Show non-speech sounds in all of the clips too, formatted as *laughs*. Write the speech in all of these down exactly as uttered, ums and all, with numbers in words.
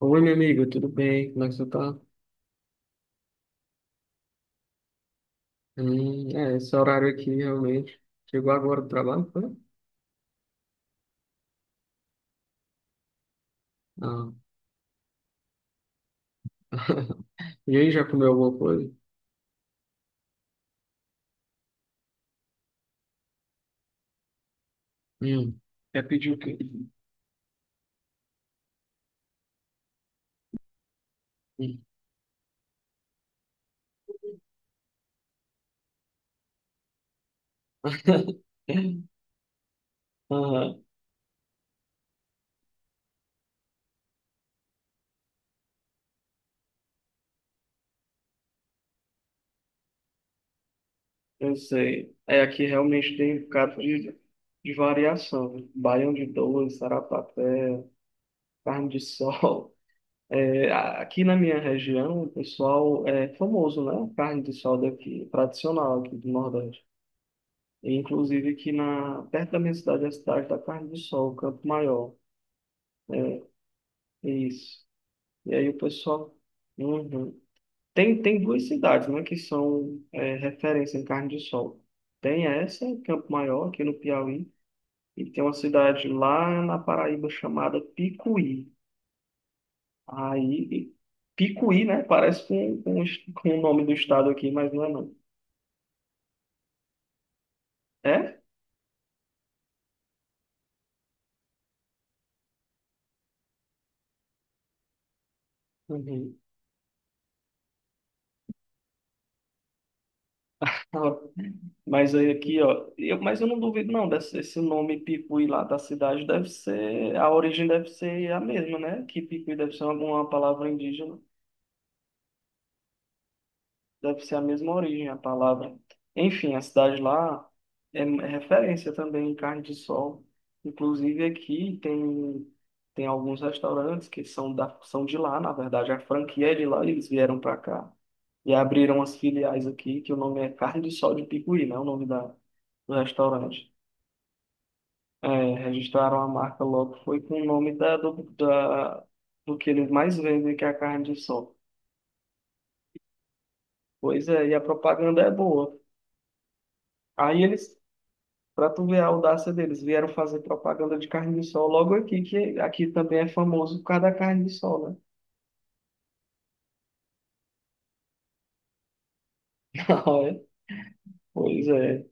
Oi, meu amigo, tudo bem? Como é que você tá? Hum, é, esse horário aqui realmente. Chegou agora do trabalho, foi? Ah. *laughs* E aí, já comeu alguma coisa? Hum. É pedir o quê? Hum. *laughs* Aham, eu sei. É, aqui realmente tem um bocado de, de variação, né? Baião de dois, sarapatel, carne de sol. *laughs* É, a- aqui na minha região, o pessoal é famoso, né? Carne de sol daqui, tradicional aqui do Nordeste. E, inclusive aqui na, perto da minha cidade, a cidade da Carne do Sol, Campo Maior. É, é isso. E aí o pessoal. Uhum. Tem, tem duas cidades, né, que são é, referência em Carne de Sol. Tem essa, Campo Maior, aqui no Piauí, e tem uma cidade lá na Paraíba chamada Picuí. Aí, Picuí, né? Parece com, com, o est- com o nome do estado aqui, mas não é não. É? Uhum. *laughs* Ó, mas aí aqui, ó, eu, mas eu não duvido não, desse, esse nome Picuí lá da cidade deve ser, a origem deve ser a mesma, né? Que Picuí deve ser alguma palavra indígena, deve ser a mesma origem, a palavra. Enfim, a cidade lá é é referência também em carne de sol. Inclusive aqui tem, tem alguns restaurantes que são, da, são de lá, na verdade, a franquia é de lá, eles vieram para cá e abriram as filiais aqui, que o nome é Carne de Sol de Picuí, né? O nome da, do restaurante. É, registraram a marca logo, foi com o nome da, do, da, do que eles mais vendem, que é a carne de sol. Pois é, e a propaganda é boa. Aí eles Para tu ver a audácia deles, vieram fazer propaganda de carne de sol logo aqui, que aqui também é famoso por causa da carne de sol, né? *laughs* Não, é? Pois é,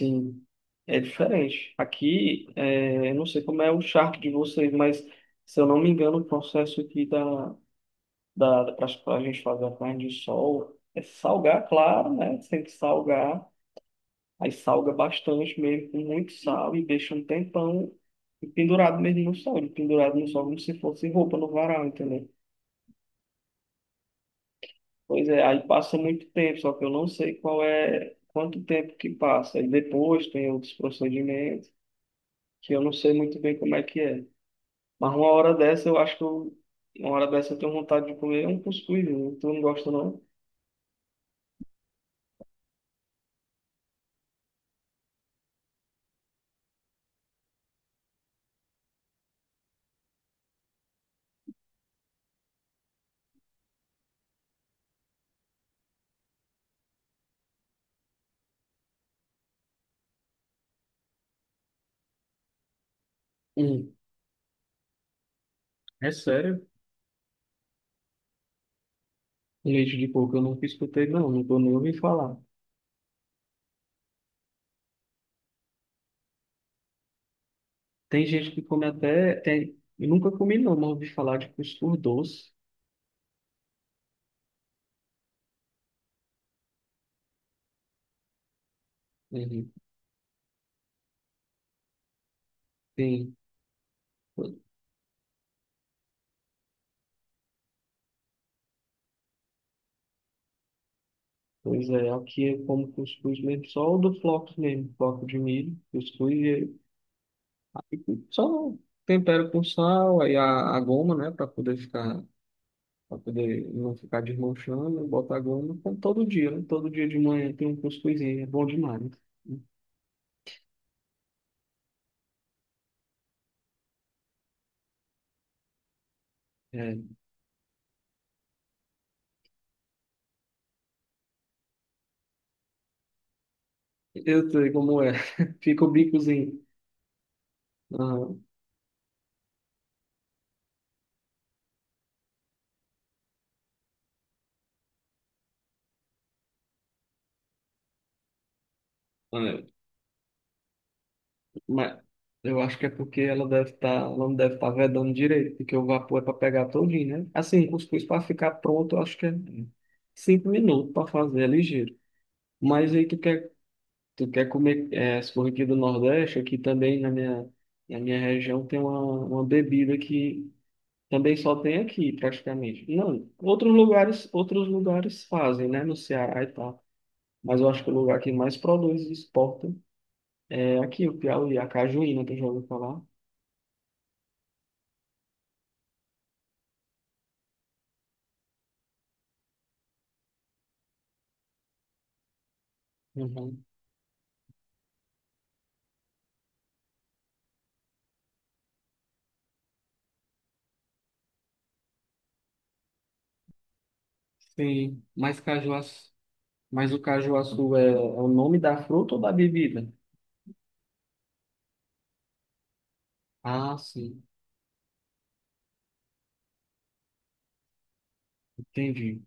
sim, é diferente. Aqui, é, eu não sei como é o charque de vocês, mas se eu não me engano, o processo aqui da, da, da, para a gente fazer a carne de sol é salgar, claro, né? Tem que salgar, aí salga bastante mesmo, com muito sal e deixa um tempão pendurado mesmo no sol, pendurado no sol como se fosse roupa no varal, entendeu? Pois é, aí passa muito tempo, só que eu não sei qual é, quanto tempo que passa. E depois tem outros procedimentos, que eu não sei muito bem como é que é. Mas uma hora dessa eu acho que eu, uma hora dessa eu tenho vontade de comer um cuscuz, né? Tu não gosta não? Hum, é sério? Leite de porco eu nunca escutei não, nunca nem ouvi falar. Tem gente que come até, tem, eu nunca comi não, mas ouvi falar de cuscuz doce. Uhum. Tem. Pois é, aqui eu como cuscuz mesmo, só o do floco mesmo, floco de milho, cuscuz, e e só tempero com sal, aí a, a goma, né, para poder ficar, para poder não ficar desmanchando, bota a goma, como todo dia, né, todo dia de manhã tem um cuscuzinho, é bom demais. Né? É, eu sei como é, *laughs* fica o bicozinho. Aham. Mas eu acho que é porque ela deve estar, ela não deve estar vedando direito, porque o vapor é para pegar todinho, né? Assim, o cuscuz para ficar pronto, eu acho que é cinco minutos para fazer, é ligeiro. Mas aí tu quer, tu quer comer, é, se for aqui do Nordeste, aqui também na minha, na minha região tem uma, uma bebida que também só tem aqui, praticamente. Não, outros lugares, outros lugares fazem, né? No Ceará e tal. Mas eu acho que o lugar que mais produz e exporta é aqui, o Piauí, a cajuína, tu já ouviu falar? Uhum. Sim, mas cajuaçu, mas o cajuaçu é, é o nome da fruta ou da bebida? Ah, sim, entendi.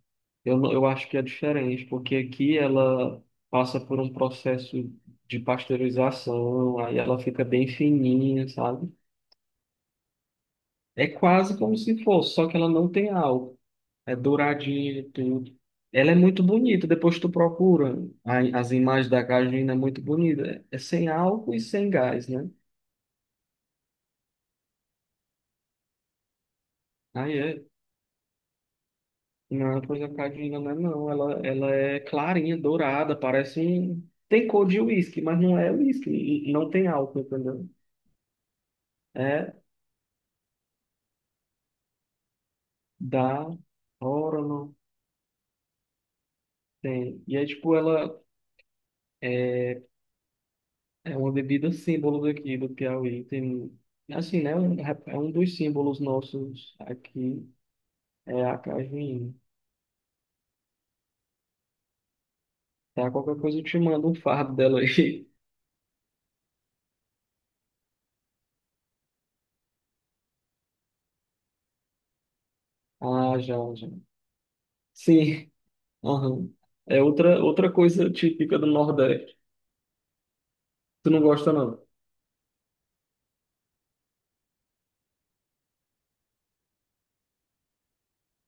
Eu, não- eu acho que é diferente, porque aqui ela passa por um processo de pasteurização, aí ela fica bem fininha, sabe? É quase como se fosse, só que ela não tem álcool. É douradinha e tudo. Ela é muito bonita, depois tu procura a- as imagens da cajuína, é muito bonita. É é sem álcool e sem gás, né? Aí é. Não, pois a Cadinga não é não. Ela, ela é clarinha, dourada, parece um... tem cor de uísque, mas não é uísque. e- e Não tem álcool, entendeu? É da orano tem. E é tipo, ela é, é uma bebida símbolo daqui do Piauí. Tem, assim, né? um- É um dos símbolos nossos aqui, é a cajuína. Tá, qualquer coisa eu te mando um fardo dela aí. *laughs* Ah, já, já. Sim, aham. É outra, outra coisa típica do Nordeste. Tu não gosta, não.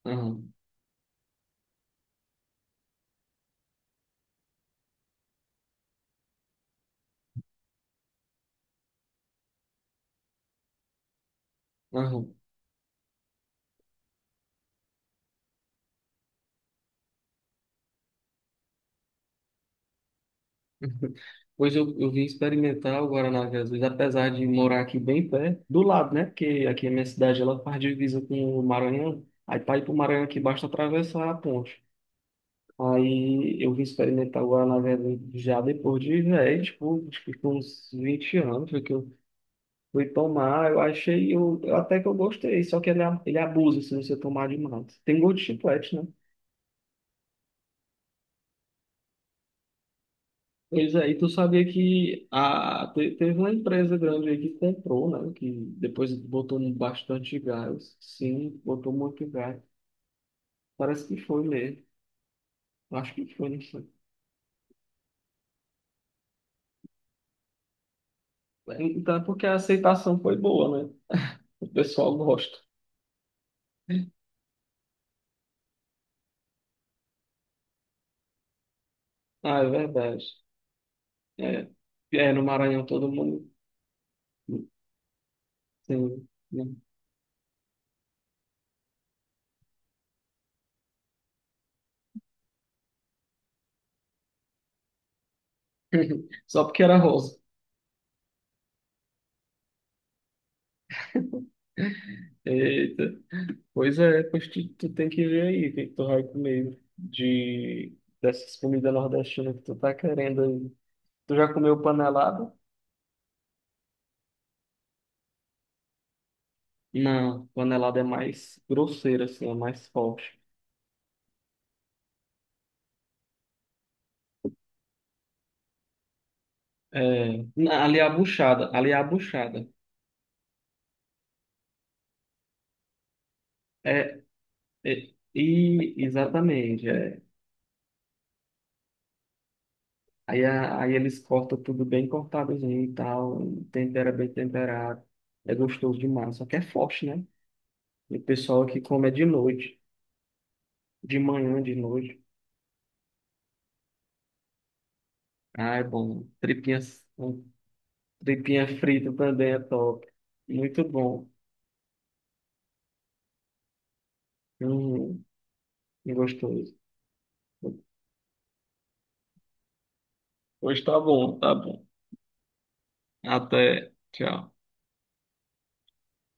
Aham, aham. Pois eu, eu vim experimentar o Guaraná Jesus, apesar de morar aqui bem perto, do lado, né? Porque aqui a minha cidade ela faz divisa com o Maranhão. Aí para ir para o Maranhão aqui basta atravessar a ponte. Aí eu vim experimentar o Guaraná Jesus já depois de velho, tipo, acho que com uns vinte anos foi que eu fui tomar. Eu achei, eu, eu até que eu gostei, só que ele, a- ele abusa se você tomar demais. Tem gosto de chiclete, né? Pois é, e tu sabia que a, te- teve uma empresa grande aí que comprou, né? Que depois botou bastante gás. Sim, botou muito gás. Parece que foi mesmo. Acho que foi, não sei. Então, é porque a aceitação foi boa, né? O pessoal gosta. Ah, é verdade. É, é no Maranhão todo mundo. Sim, né? *laughs* Só porque era rosa. Eita. Pois é, pois tu, tu tem que ver aí o que que tu vai comer de, dessas comidas nordestinas que tu tá querendo aí. Tu já comeu panelada? Não, panelada é mais grosseira, assim, é mais forte. É, na- ali é a buchada, ali é a buchada. É, é, e, exatamente, é. Aí, a- aí eles cortam tudo bem cortadozinho e tal, tempera bem temperado. É gostoso demais, só que é forte, né? E o pessoal aqui come é de noite, de manhã, de noite. Ah, é bom. Tripinha, um, Tripinha frita também é top. Muito bom. Uhum, gostoso. Hoje tá bom, tá bom. Até. Tchau.